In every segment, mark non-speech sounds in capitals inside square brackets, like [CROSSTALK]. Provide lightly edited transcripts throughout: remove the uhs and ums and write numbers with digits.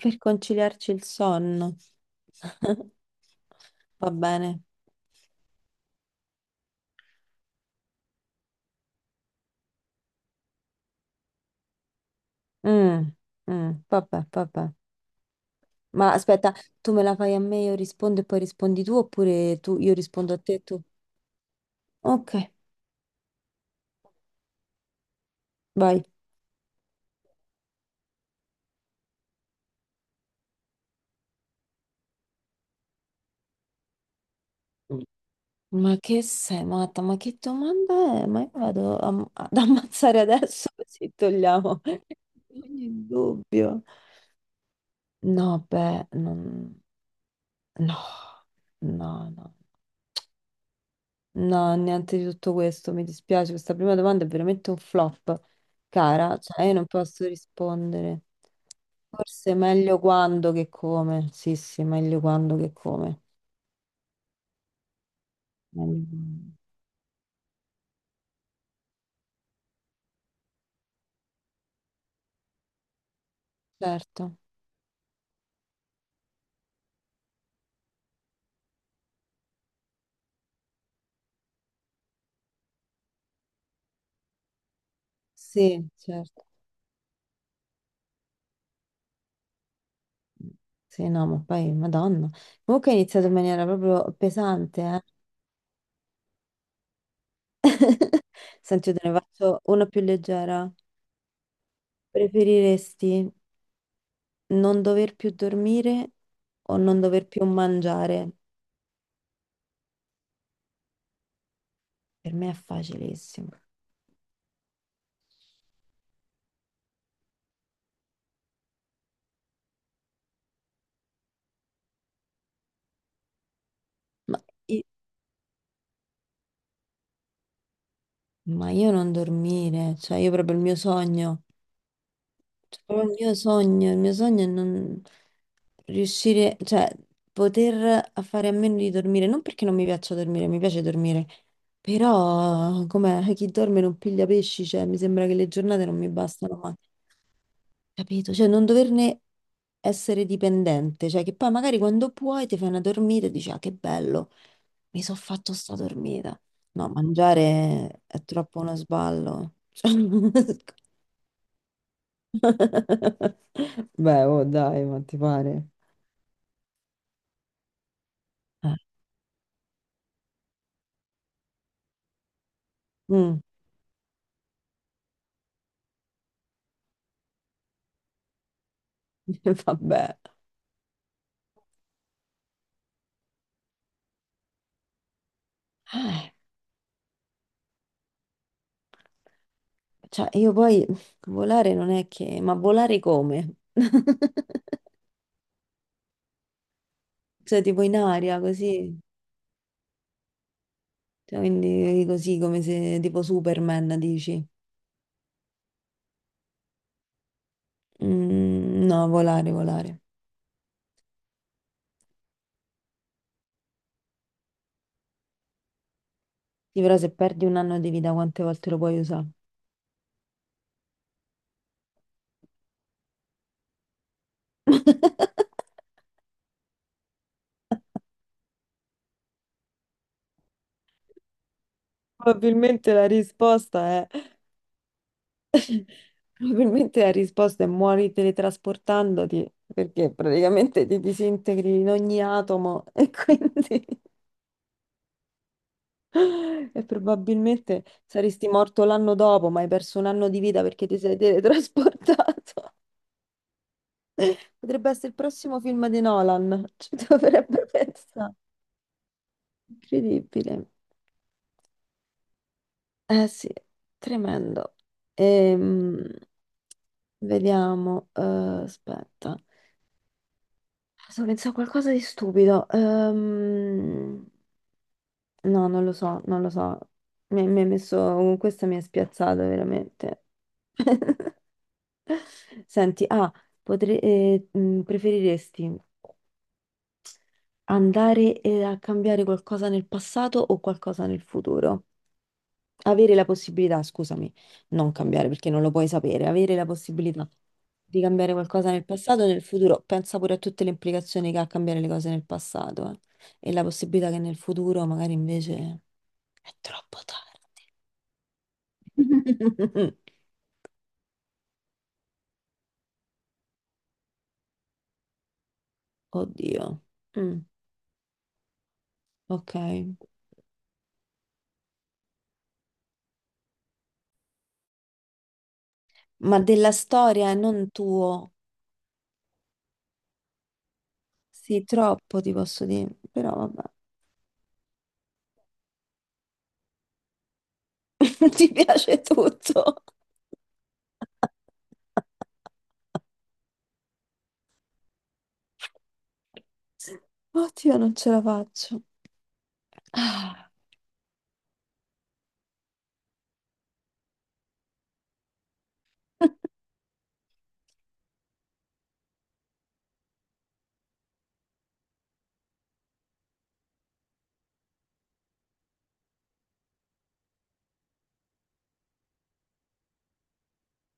Per conciliarci il sonno. [LAUGHS] Va bene. Mm, vabbè. Ma aspetta, tu me la fai a me, io rispondo e poi rispondi tu, oppure tu, io rispondo a te e tu? Ok, vai. Ma che sei matta? Ma che domanda è? Ma io ad ammazzare adesso [LAUGHS] così togliamo ogni dubbio. No, beh, no, no. No, niente di tutto questo, mi dispiace, questa prima domanda è veramente un flop, cara, cioè io non posso rispondere. Forse è meglio quando che come, sì, sì, meglio quando che come. Meglio quando. Certo, sì, certo. Sì, no, ma poi, madonna. Comunque è iniziato in maniera proprio pesante, eh. [LAUGHS] Senti, io te ne faccio una più leggera. Preferiresti non dover più dormire o non dover più mangiare? Per me è facilissimo. Ma i- ma io, non dormire, cioè io proprio il mio sogno, cioè proprio il mio sogno è non riuscire, cioè poter a fare a meno di dormire, non perché non mi piaccia dormire, mi piace dormire, però come chi dorme non piglia pesci, cioè mi sembra che le giornate non mi bastano mai, capito? Cioè non doverne essere dipendente, cioè che poi magari quando puoi ti fai una dormita e dici ah che bello. Mi sono fatto sta dormita. No, mangiare è troppo uno sballo. Cioè, [LAUGHS] beh, oh dai, ma ti pare? eh, Mm, [LAUGHS] Vabbè. eh, cioè, io poi volare non è che... Ma volare come? [LAUGHS] Cioè, tipo in aria, così. Cioè, quindi così come se tipo Superman, dici. Mm, no, volare, volare. Sì, però se perdi un anno di vita, quante volte lo puoi usare? [LAUGHS] Probabilmente la risposta è, probabilmente la risposta è muori teletrasportandoti, perché praticamente ti disintegri in ogni atomo e quindi [LAUGHS] e probabilmente saresti morto l'anno dopo, ma hai perso un anno di vita perché ti sei teletrasportato. [LAUGHS] Potrebbe essere il prossimo film di Nolan, ci dovrebbe pensare. Incredibile. Eh sì, tremendo. Ehm, vediamo, aspetta. Sto pensando a qualcosa di stupido. No, non lo so, non lo so. Mi ha messo... Questa mi ha spiazzato veramente. [LAUGHS] Senti, ah, preferiresti andare a cambiare qualcosa nel passato o qualcosa nel futuro? Avere la possibilità, scusami, non cambiare perché non lo puoi sapere, avere la possibilità di cambiare qualcosa nel passato e nel futuro, pensa pure a tutte le implicazioni che ha cambiare le cose nel passato, eh. E la possibilità che nel futuro magari invece è troppo tardi. [LAUGHS] Oddio. Mm, ok. Ma della storia e non tuo. Sì, troppo ti posso dire, però vabbè, [LAUGHS] ti piace tutto. Oddio, non ce la faccio. Ah. [LAUGHS]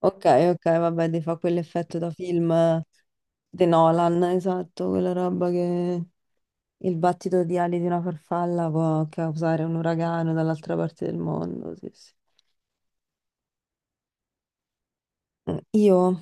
Ok, ok, vabbè, ti fa quell'effetto da film di Nolan, esatto, quella roba che il battito di ali di una farfalla può causare un uragano dall'altra parte del mondo, sì, sì. Mm, Io,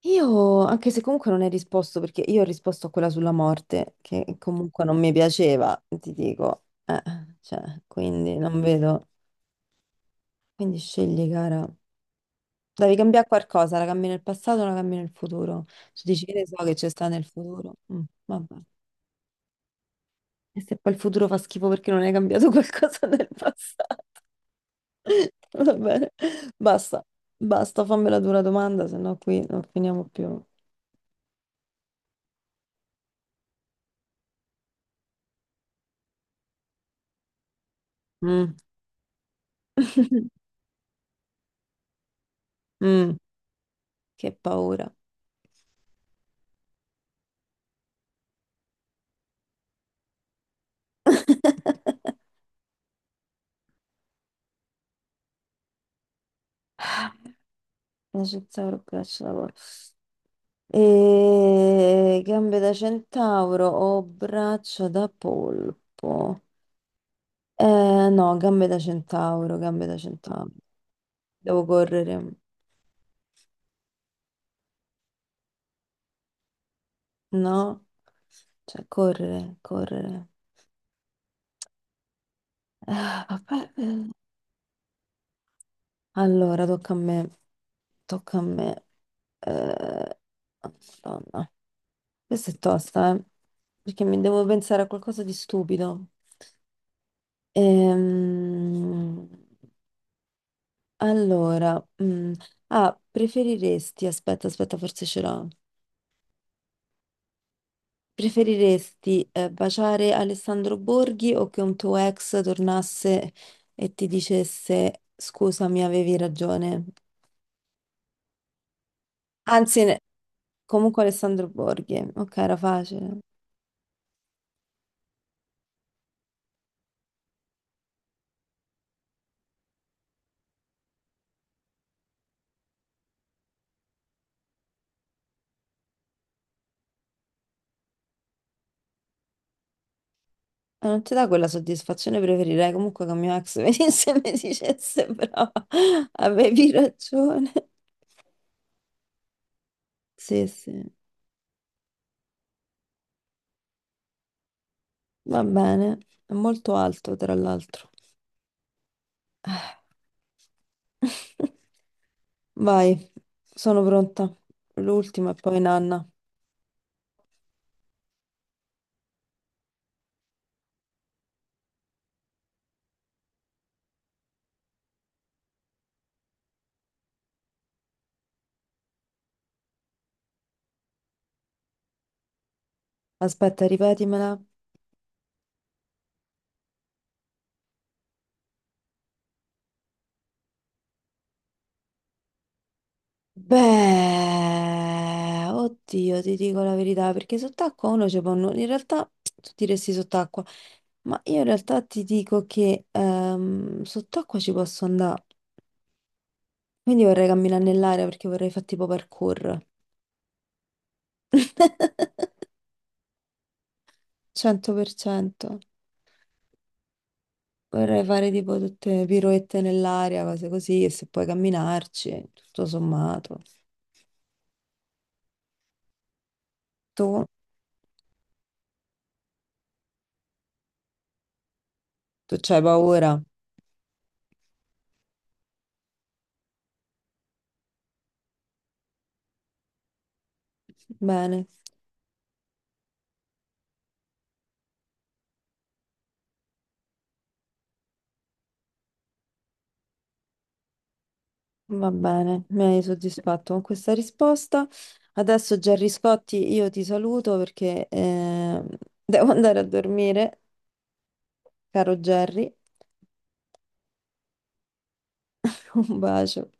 io, anche se comunque non hai risposto, perché io ho risposto a quella sulla morte, che comunque non mi piaceva, ti dico, cioè, quindi non vedo. Quindi scegli, cara. Devi cambiare qualcosa, la cambi nel passato o la cambi nel futuro? Tu dici che ne so che c'è sta nel futuro. Mm, vabbè. E se poi il futuro fa schifo perché non hai cambiato qualcosa [LAUGHS] nel passato. [LAUGHS] Va bene, basta, basta, fammela tu la dura domanda, se no qui non finiamo più. Mm. [LAUGHS] Mm, che paura. [LAUGHS] La centauro braccio da porco. E... Gambe da centauro o braccia da polpo? No, gambe da centauro, gambe da centauro. Devo correre, no? Cioè, correre, correre. Ah, vabbè. Allora, tocca a me. Tocca a me. Eh, Madonna. Questa è tosta, eh? Perché mi devo pensare a qualcosa di stupido. Ehm, allora, mm, ah, preferiresti, aspetta, forse ce l'ho. Preferiresti baciare Alessandro Borghi o che un tuo ex tornasse e ti dicesse scusa, mi avevi ragione? Anzi, ne- Comunque Alessandro Borghi, ok, era facile. E non ti dà quella soddisfazione, preferirei comunque che mio ex [LAUGHS] venisse e mi dicesse brava, avevi ragione. Sì, sì, va bene, è molto alto tra l'altro. [LAUGHS] Vai, sono pronta. L'ultima e poi nanna. Aspetta, ripetimela. Beh, oddio, ti dico la verità, perché sott'acqua uno ci può... in realtà tu diresti sott'acqua, ma io in realtà ti dico che sott'acqua ci posso andare. Quindi vorrei camminare nell'aria perché vorrei fare tipo parkour. [LAUGHS] 100%. Vorrei fare tipo tutte piroette nell'aria, cose così, e se puoi camminarci, tutto sommato. Tu? Tu c'hai paura? Bene. Va bene, mi hai soddisfatto con questa risposta. Adesso, Gerry Scotti, io ti saluto perché [LAUGHS] devo andare a dormire, caro Gerry. [LAUGHS] Un bacio.